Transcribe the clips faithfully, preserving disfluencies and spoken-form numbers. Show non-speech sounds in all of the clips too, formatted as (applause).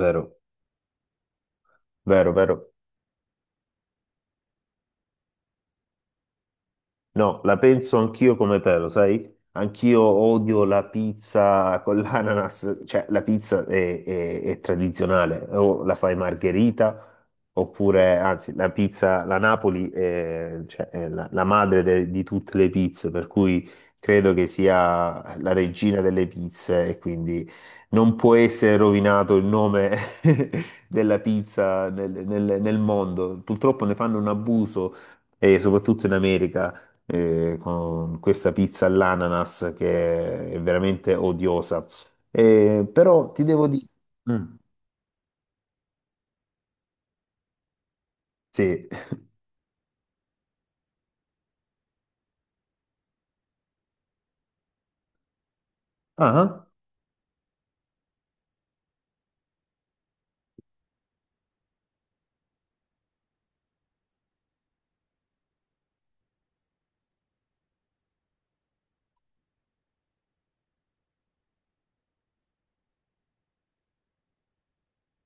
Vero, vero, vero. No, la penso anch'io come te, lo sai? Anch'io odio la pizza con l'ananas, cioè la pizza è, è- è tradizionale, o la fai margherita, oppure anzi la pizza, la Napoli è, cioè, è la, la madre de- di tutte le pizze, per cui credo che sia la regina delle pizze e quindi non può essere rovinato il nome (laughs) della pizza nel nel- nel mondo. Purtroppo ne fanno un abuso e soprattutto in America eh, con questa pizza all'ananas che è veramente odiosa. Eh, però ti devo dire... Mm, sì. Ah,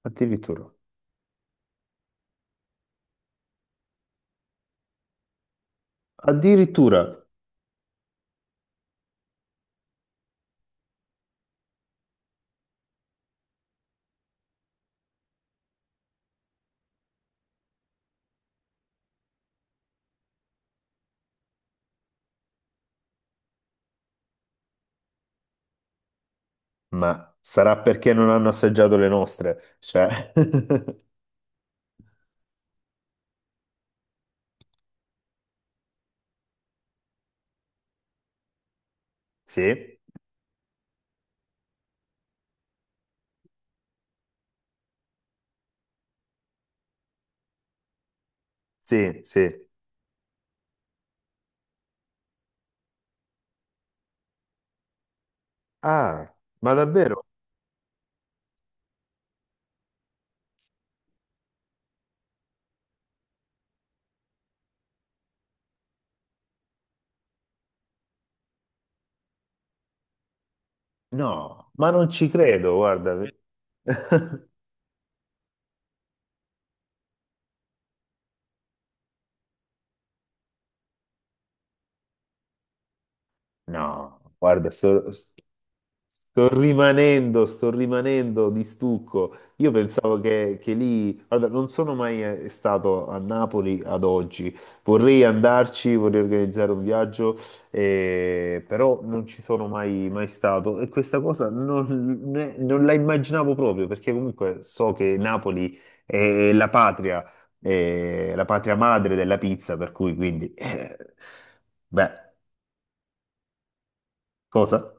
addirittura. Addirittura. Ma sarà perché non hanno assaggiato le nostre. Cioè... (laughs) Sì, sì, sì. Ah, ma davvero? No, ma non ci credo, guarda. (laughs) No, guarda, sto- sto rimanendo, sto rimanendo di stucco. Io pensavo che, che lì, guarda, non sono mai eh, stato a Napoli ad oggi. Vorrei andarci, vorrei organizzare un viaggio, eh, però non ci sono mai, mai stato. E questa cosa non, ne- non la immaginavo proprio, perché comunque so che Napoli è la patria, è la patria madre della pizza, per cui quindi, eh, beh, cosa?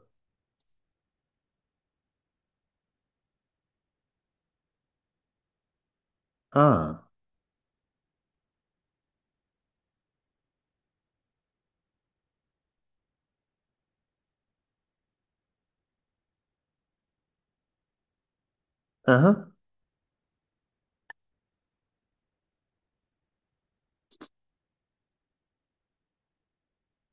Ah, ah.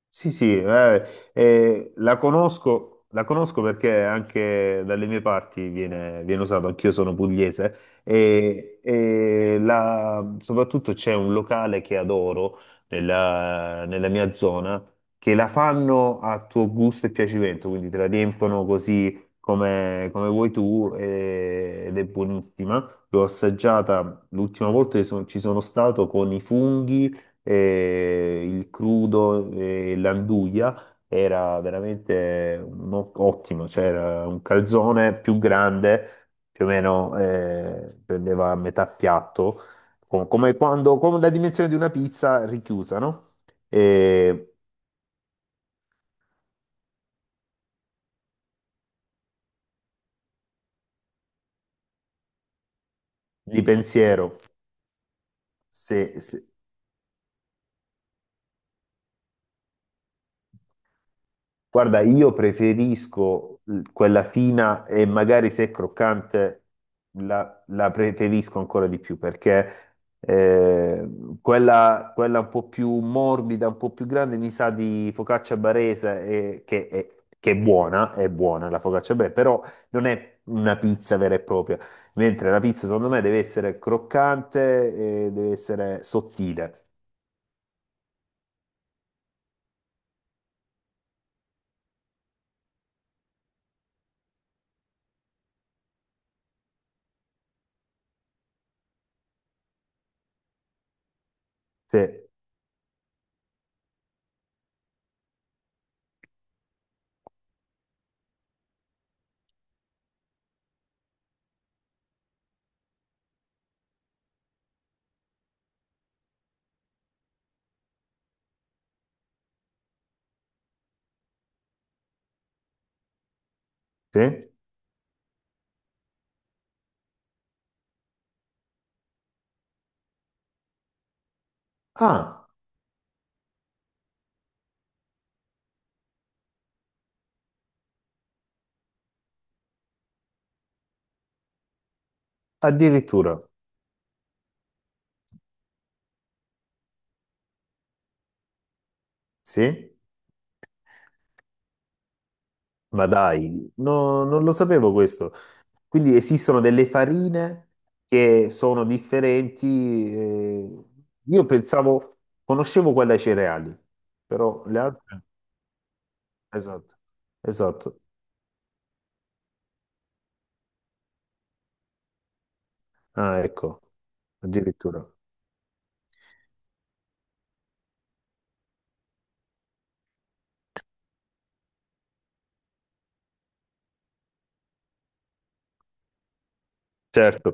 Sì, sì, eh, eh, la conosco, la conosco perché anche dalle mie parti viene, viene usato, anch'io sono pugliese, e, e la- soprattutto c'è un locale che adoro nella, nella mia zona, che la fanno a tuo gusto e piacimento, quindi te la riempiono così come, come vuoi tu e- ed è buonissima. L'ho assaggiata l'ultima volta che sono- ci sono stato con i funghi e il crudo e l'anduglia era veramente un o- ottimo, cioè era un calzone più grande, più o meno eh, prendeva metà piatto, co- come quando, con la dimensione di una pizza richiusa, no? E di pensiero, se, se- guarda, io preferisco l- quella fina e magari se è croccante la, la preferisco ancora di più perché eh, quella, quella un po' più morbida, un po' più grande mi sa di focaccia barese e- che, è, che è buona, è buona la focaccia barese, però non è una pizza vera e propria, mentre la pizza secondo me deve essere croccante e deve essere sottile. Sì, sì. Ah, addirittura, sì. Ma dai, no- non lo sapevo questo. Quindi esistono delle farine che sono differenti. eh, Io pensavo, conoscevo quella ai cereali, però le altre... Esatto, esatto. Ah, ecco, addirittura. Certo,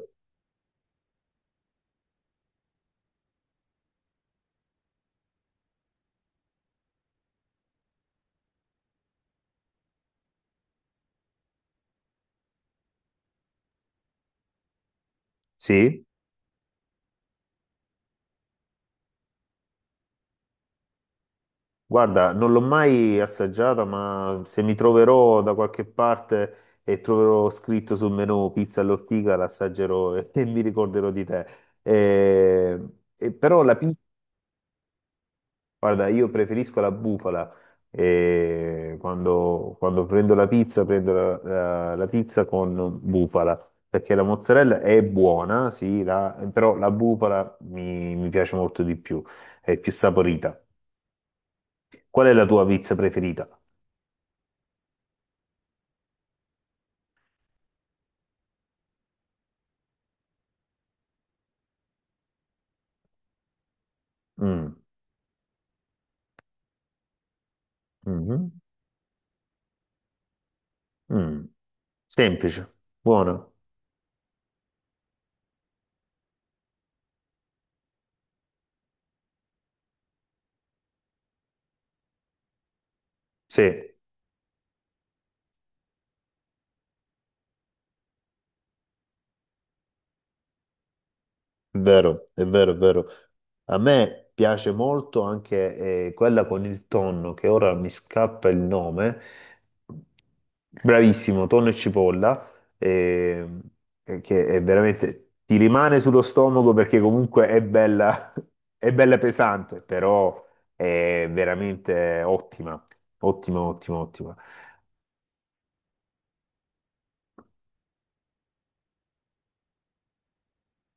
sì. Guarda, non l'ho mai assaggiata, ma se mi troverò da qualche parte e troverò scritto sul menù pizza all'ortica, l'assaggerò e, (laughs) e mi ricorderò di te. Eh, e però la pi- guarda, io preferisco la bufala. E quando, quando prendo la pizza, prendo la, la- la pizza con bufala, perché la mozzarella è buona, sì, la- però la bufala mi, mi piace molto di più, è più saporita. Qual è la tua pizza preferita? Mm, mhm, mm. Semplice, buona, sì. Vero, è vero, è vero. A me piace molto anche eh, quella con il tonno, che ora mi scappa il nome. Bravissimo, tonno e cipolla, ehm, eh, che è veramente ti rimane sullo stomaco perché comunque è bella, (laughs) è bella pesante, però è veramente ottima, ottima, ottima, ottima.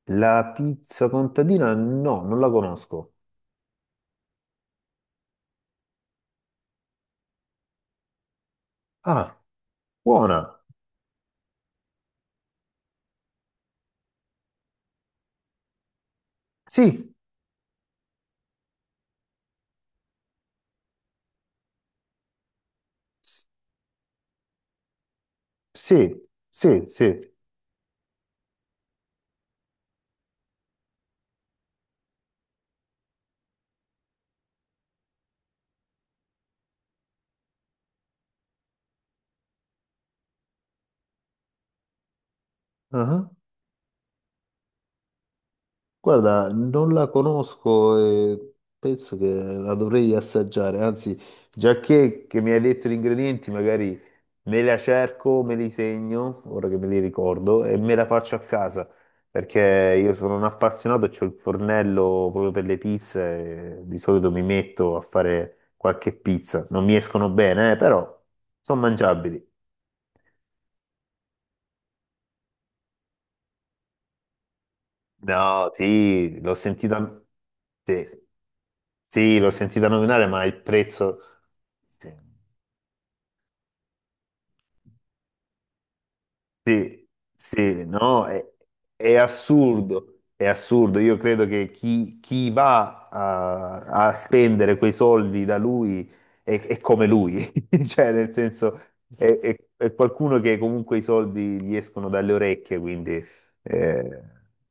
La pizza contadina no, non la conosco. Ah, buona. Sì, sì, sì, sì. Ah, guarda, non la conosco e penso che la dovrei assaggiare. Anzi, già che, che mi hai detto gli ingredienti, magari me la cerco, me li segno, ora che me li ricordo, e me la faccio a casa. Perché io sono un appassionato e ho il fornello proprio per le pizze. E di solito mi metto a fare qualche pizza. Non mi escono bene, eh, però sono mangiabili. No, sì, l'ho sentita. Sì, sì, l'ho sentita nominare, ma il prezzo. Sì. Sì, sì, no, è, è assurdo, è assurdo. Io credo che chi, chi va a, a spendere quei soldi da lui è, è come lui, (laughs) cioè nel senso è, è- è qualcuno che comunque i soldi gli escono dalle orecchie, quindi eh,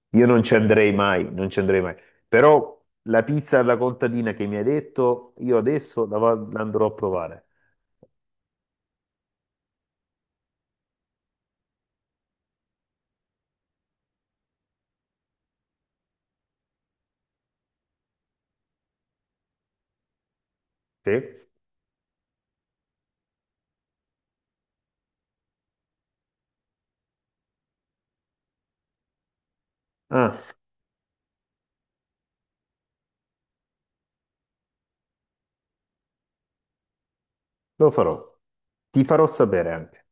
io non ci andrei mai, non ci andrei mai. Però la pizza alla contadina che mi hai detto, io adesso la, va- la andrò a provare. Sì? Ah, lo farò. Ti farò sapere anche.